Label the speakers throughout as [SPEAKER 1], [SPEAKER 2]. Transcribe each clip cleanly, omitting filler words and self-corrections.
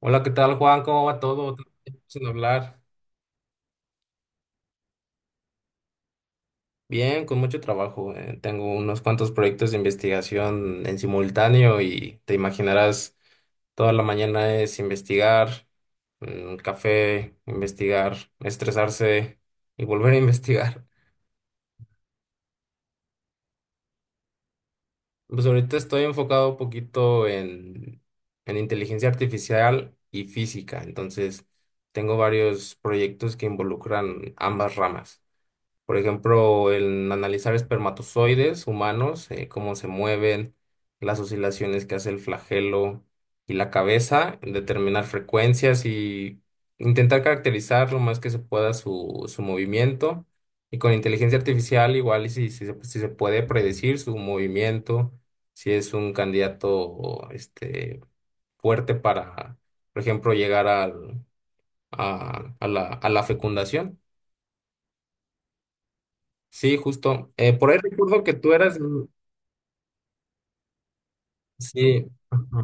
[SPEAKER 1] Hola, ¿qué tal, Juan? ¿Cómo va todo? Tanto tiempo sin hablar. Bien, con mucho trabajo. Tengo unos cuantos proyectos de investigación en simultáneo y te imaginarás, toda la mañana es investigar, café, investigar, estresarse y volver a investigar. Pues ahorita estoy enfocado un poquito en inteligencia artificial y física, entonces tengo varios proyectos que involucran ambas ramas. Por ejemplo, el analizar espermatozoides humanos, cómo se mueven, las oscilaciones que hace el flagelo y la cabeza, determinar frecuencias y intentar caracterizar lo más que se pueda su movimiento. Y con inteligencia artificial, igual, y si se puede predecir su movimiento, si es un candidato este, fuerte para, por ejemplo, llegar a la fecundación. Sí, justo. Por ahí recuerdo que tú eras, mm, sí, ajá.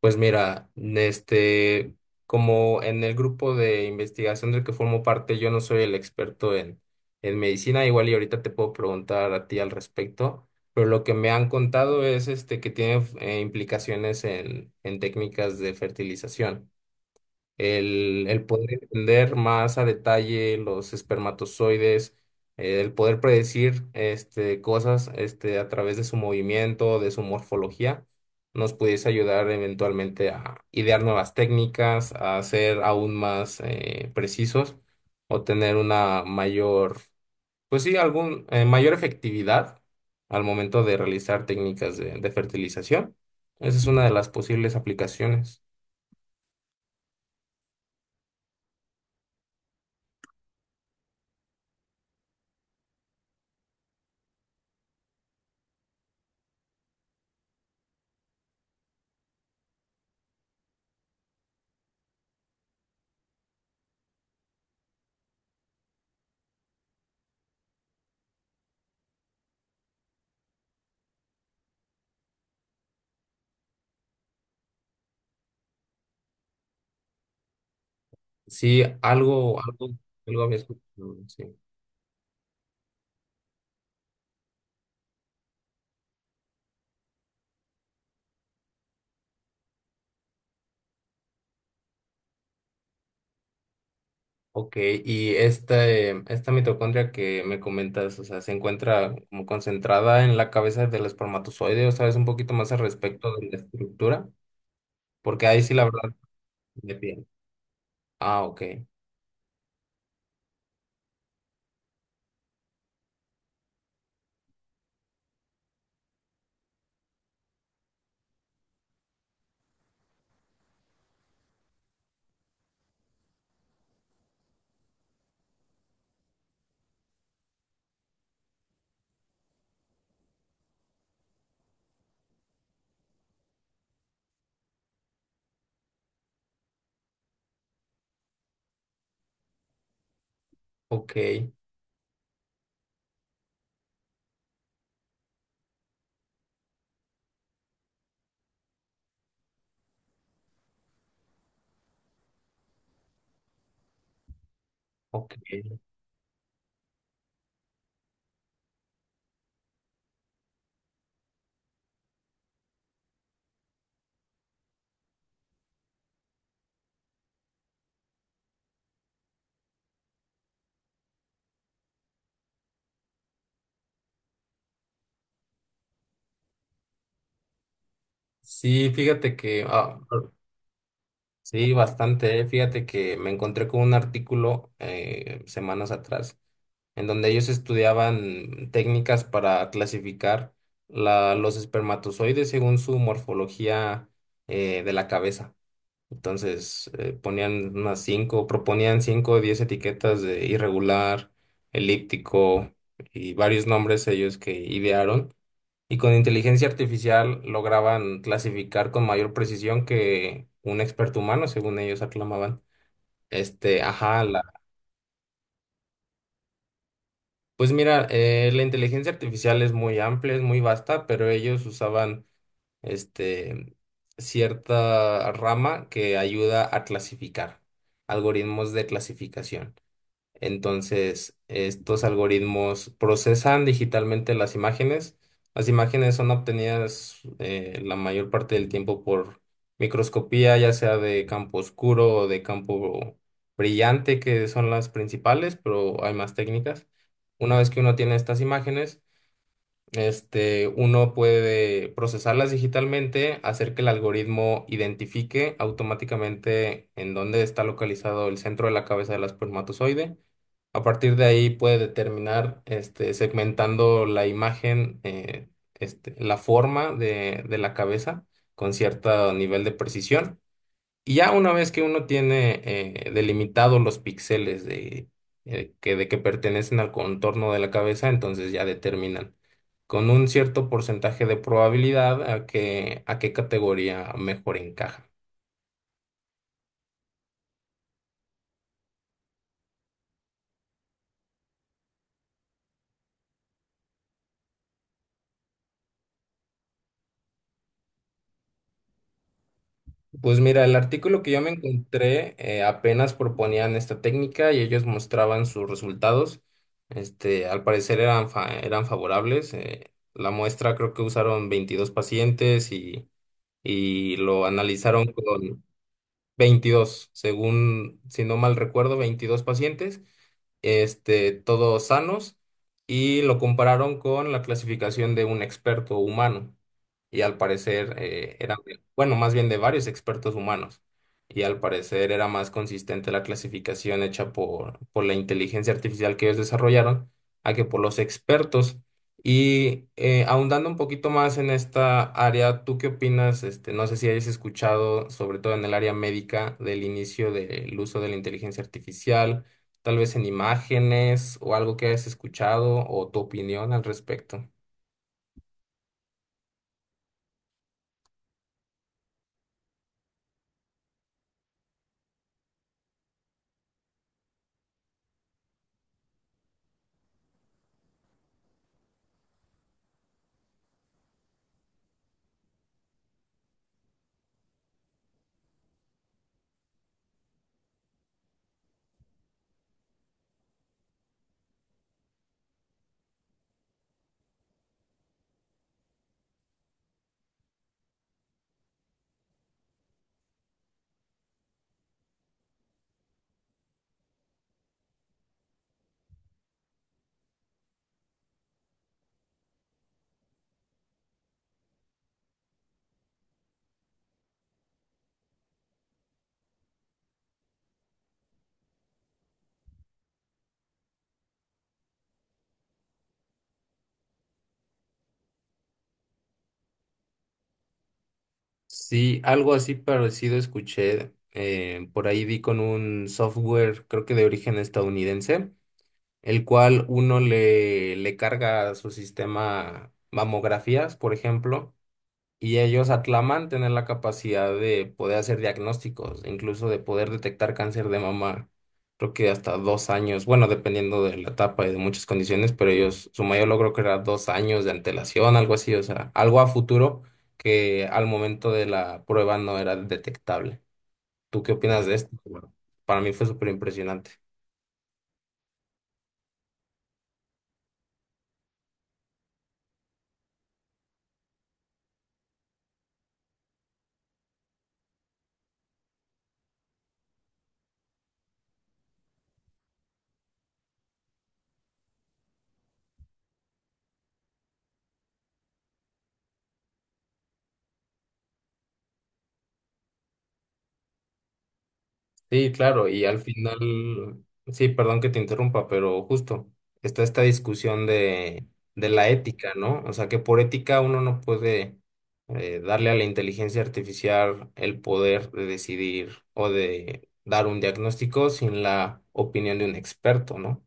[SPEAKER 1] Pues mira, este, como en el grupo de investigación del que formo parte, yo no soy el experto en, medicina, igual y ahorita te puedo preguntar a ti al respecto, pero lo que me han contado es este que tiene implicaciones en técnicas de fertilización. El poder entender más a detalle los espermatozoides, el poder predecir este, cosas este, a través de su movimiento, de su morfología, nos pudiese ayudar eventualmente a idear nuevas técnicas, a ser aún más precisos o tener una mayor, pues sí, mayor efectividad al momento de realizar técnicas de fertilización. Esa es una de las posibles aplicaciones. Sí, algo había escuchado, sí. Ok, y esta mitocondria que me comentas, o sea, se encuentra como concentrada en la cabeza del espermatozoide, ¿o sabes un poquito más al respecto de la estructura? Porque ahí sí la verdad de piel. Ah, ok, ok, ok. Sí, fíjate que ah. Sí, bastante. Fíjate que me encontré con un artículo semanas atrás en donde ellos estudiaban técnicas para clasificar los espermatozoides según su morfología de la cabeza. Entonces, proponían cinco o 10 etiquetas de irregular, elíptico y varios nombres ellos que idearon. Y con inteligencia artificial lograban clasificar con mayor precisión que un experto humano, según ellos aclamaban. Este, ajá, pues mira, la inteligencia artificial es muy amplia, es muy vasta, pero ellos usaban este cierta rama que ayuda a clasificar, algoritmos de clasificación. Entonces, estos algoritmos procesan digitalmente las imágenes. Las imágenes son obtenidas la mayor parte del tiempo por microscopía, ya sea de campo oscuro o de campo brillante, que son las principales, pero hay más técnicas. Una vez que uno tiene estas imágenes, este, uno puede procesarlas digitalmente, hacer que el algoritmo identifique automáticamente en dónde está localizado el centro de la cabeza del espermatozoide a partir de ahí puede determinar, este, segmentando la imagen, este, la forma de la cabeza con cierto nivel de precisión. Y ya una vez que uno tiene delimitados los píxeles de que pertenecen al contorno de la cabeza, entonces ya determinan con un cierto porcentaje de probabilidad a qué categoría mejor encaja. Pues mira, el artículo que yo me encontré apenas proponían esta técnica y ellos mostraban sus resultados. Este, al parecer eran favorables. La muestra creo que usaron 22 pacientes y lo analizaron 22 según, si no mal recuerdo, 22 pacientes, este, todos sanos, y lo compararon con la clasificación de un experto humano. Y al parecer eran, bueno, más bien de varios expertos humanos. Y al parecer era más consistente la clasificación hecha por la inteligencia artificial que ellos desarrollaron a que por los expertos. Y ahondando un poquito más en esta área, ¿tú qué opinas? Este, no sé si hayas escuchado, sobre todo en el área médica, del inicio del uso de la inteligencia artificial, tal vez en imágenes o algo que hayas escuchado o tu opinión al respecto. Sí, algo así parecido escuché. Por ahí vi con un software, creo que de origen estadounidense, el cual uno le carga a su sistema mamografías, por ejemplo. Y ellos aclaman tener la capacidad de poder hacer diagnósticos, incluso de poder detectar cáncer de mama, creo que hasta 2 años, bueno, dependiendo de la etapa y de muchas condiciones, pero ellos, su mayor logro que era 2 años de antelación, algo así, o sea, algo a futuro que al momento de la prueba no era detectable. ¿Tú qué opinas de esto? Bueno, para mí fue súper impresionante. Sí, claro, y al final, sí, perdón que te interrumpa, pero justo está esta discusión de, la ética, ¿no? O sea, que por ética uno no puede darle a la inteligencia artificial el poder de decidir o de dar un diagnóstico sin la opinión de un experto, ¿no?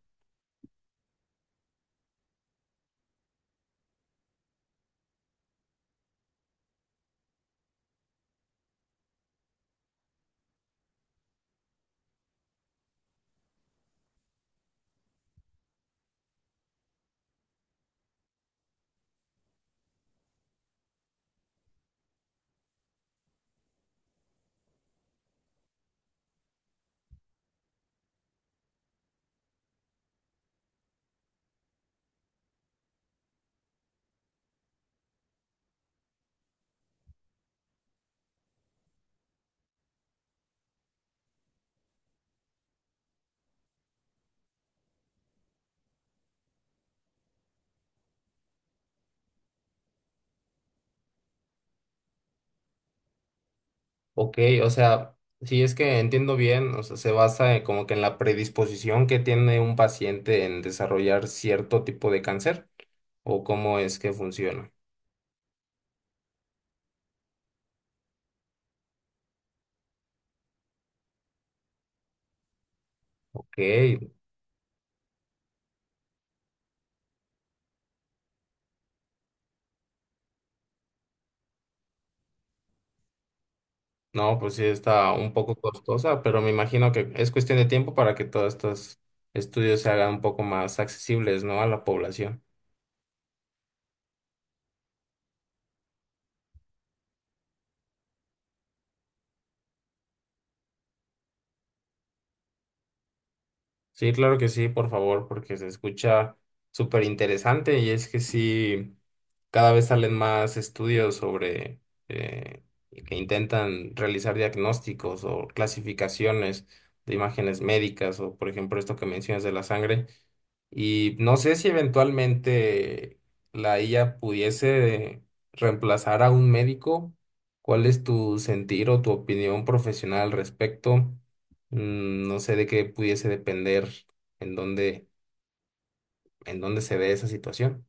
[SPEAKER 1] Ok, o sea, si es que entiendo bien, o sea, se basa en como que en la predisposición que tiene un paciente en desarrollar cierto tipo de cáncer o cómo es que funciona. Ok, no, pues sí está un poco costosa, pero me imagino que es cuestión de tiempo para que todos estos estudios se hagan un poco más accesibles, ¿no? A la población. Sí, claro que sí, por favor, porque se escucha súper interesante y es que sí, cada vez salen más estudios sobre eh, que intentan realizar diagnósticos o clasificaciones de imágenes médicas o, por ejemplo, esto que mencionas de la sangre. Y no sé si eventualmente la IA pudiese reemplazar a un médico. ¿Cuál es tu sentir o tu opinión profesional al respecto? No sé de qué pudiese depender en dónde, en dónde se ve esa situación.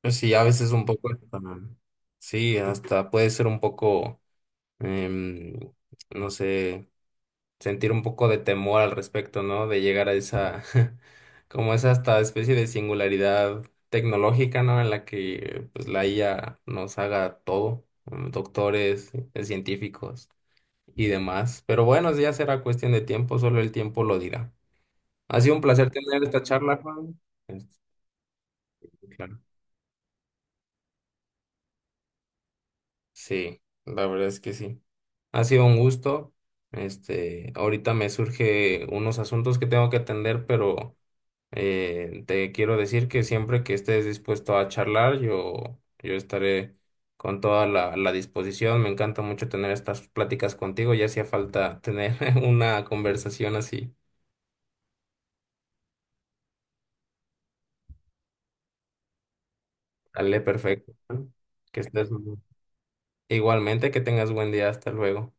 [SPEAKER 1] Pues sí, a veces un poco, sí, hasta puede ser un poco, em, no sé. Sentir un poco de temor al respecto, ¿no? De llegar a esa, como esa hasta especie de singularidad tecnológica, ¿no? En la que pues la IA nos haga todo, doctores, científicos y demás. Pero bueno, ya será cuestión de tiempo, solo el tiempo lo dirá. Ha sido un placer tener esta charla, Juan. Este, claro. Sí, la verdad es que sí. Ha sido un gusto. Este, ahorita me surge unos asuntos que tengo que atender, pero te quiero decir que siempre que estés dispuesto a charlar, yo estaré con toda la disposición. Me encanta mucho tener estas pláticas contigo. Ya hacía falta tener una conversación así. Dale, perfecto. Que estés muy bien. Igualmente, que tengas buen día. Hasta luego.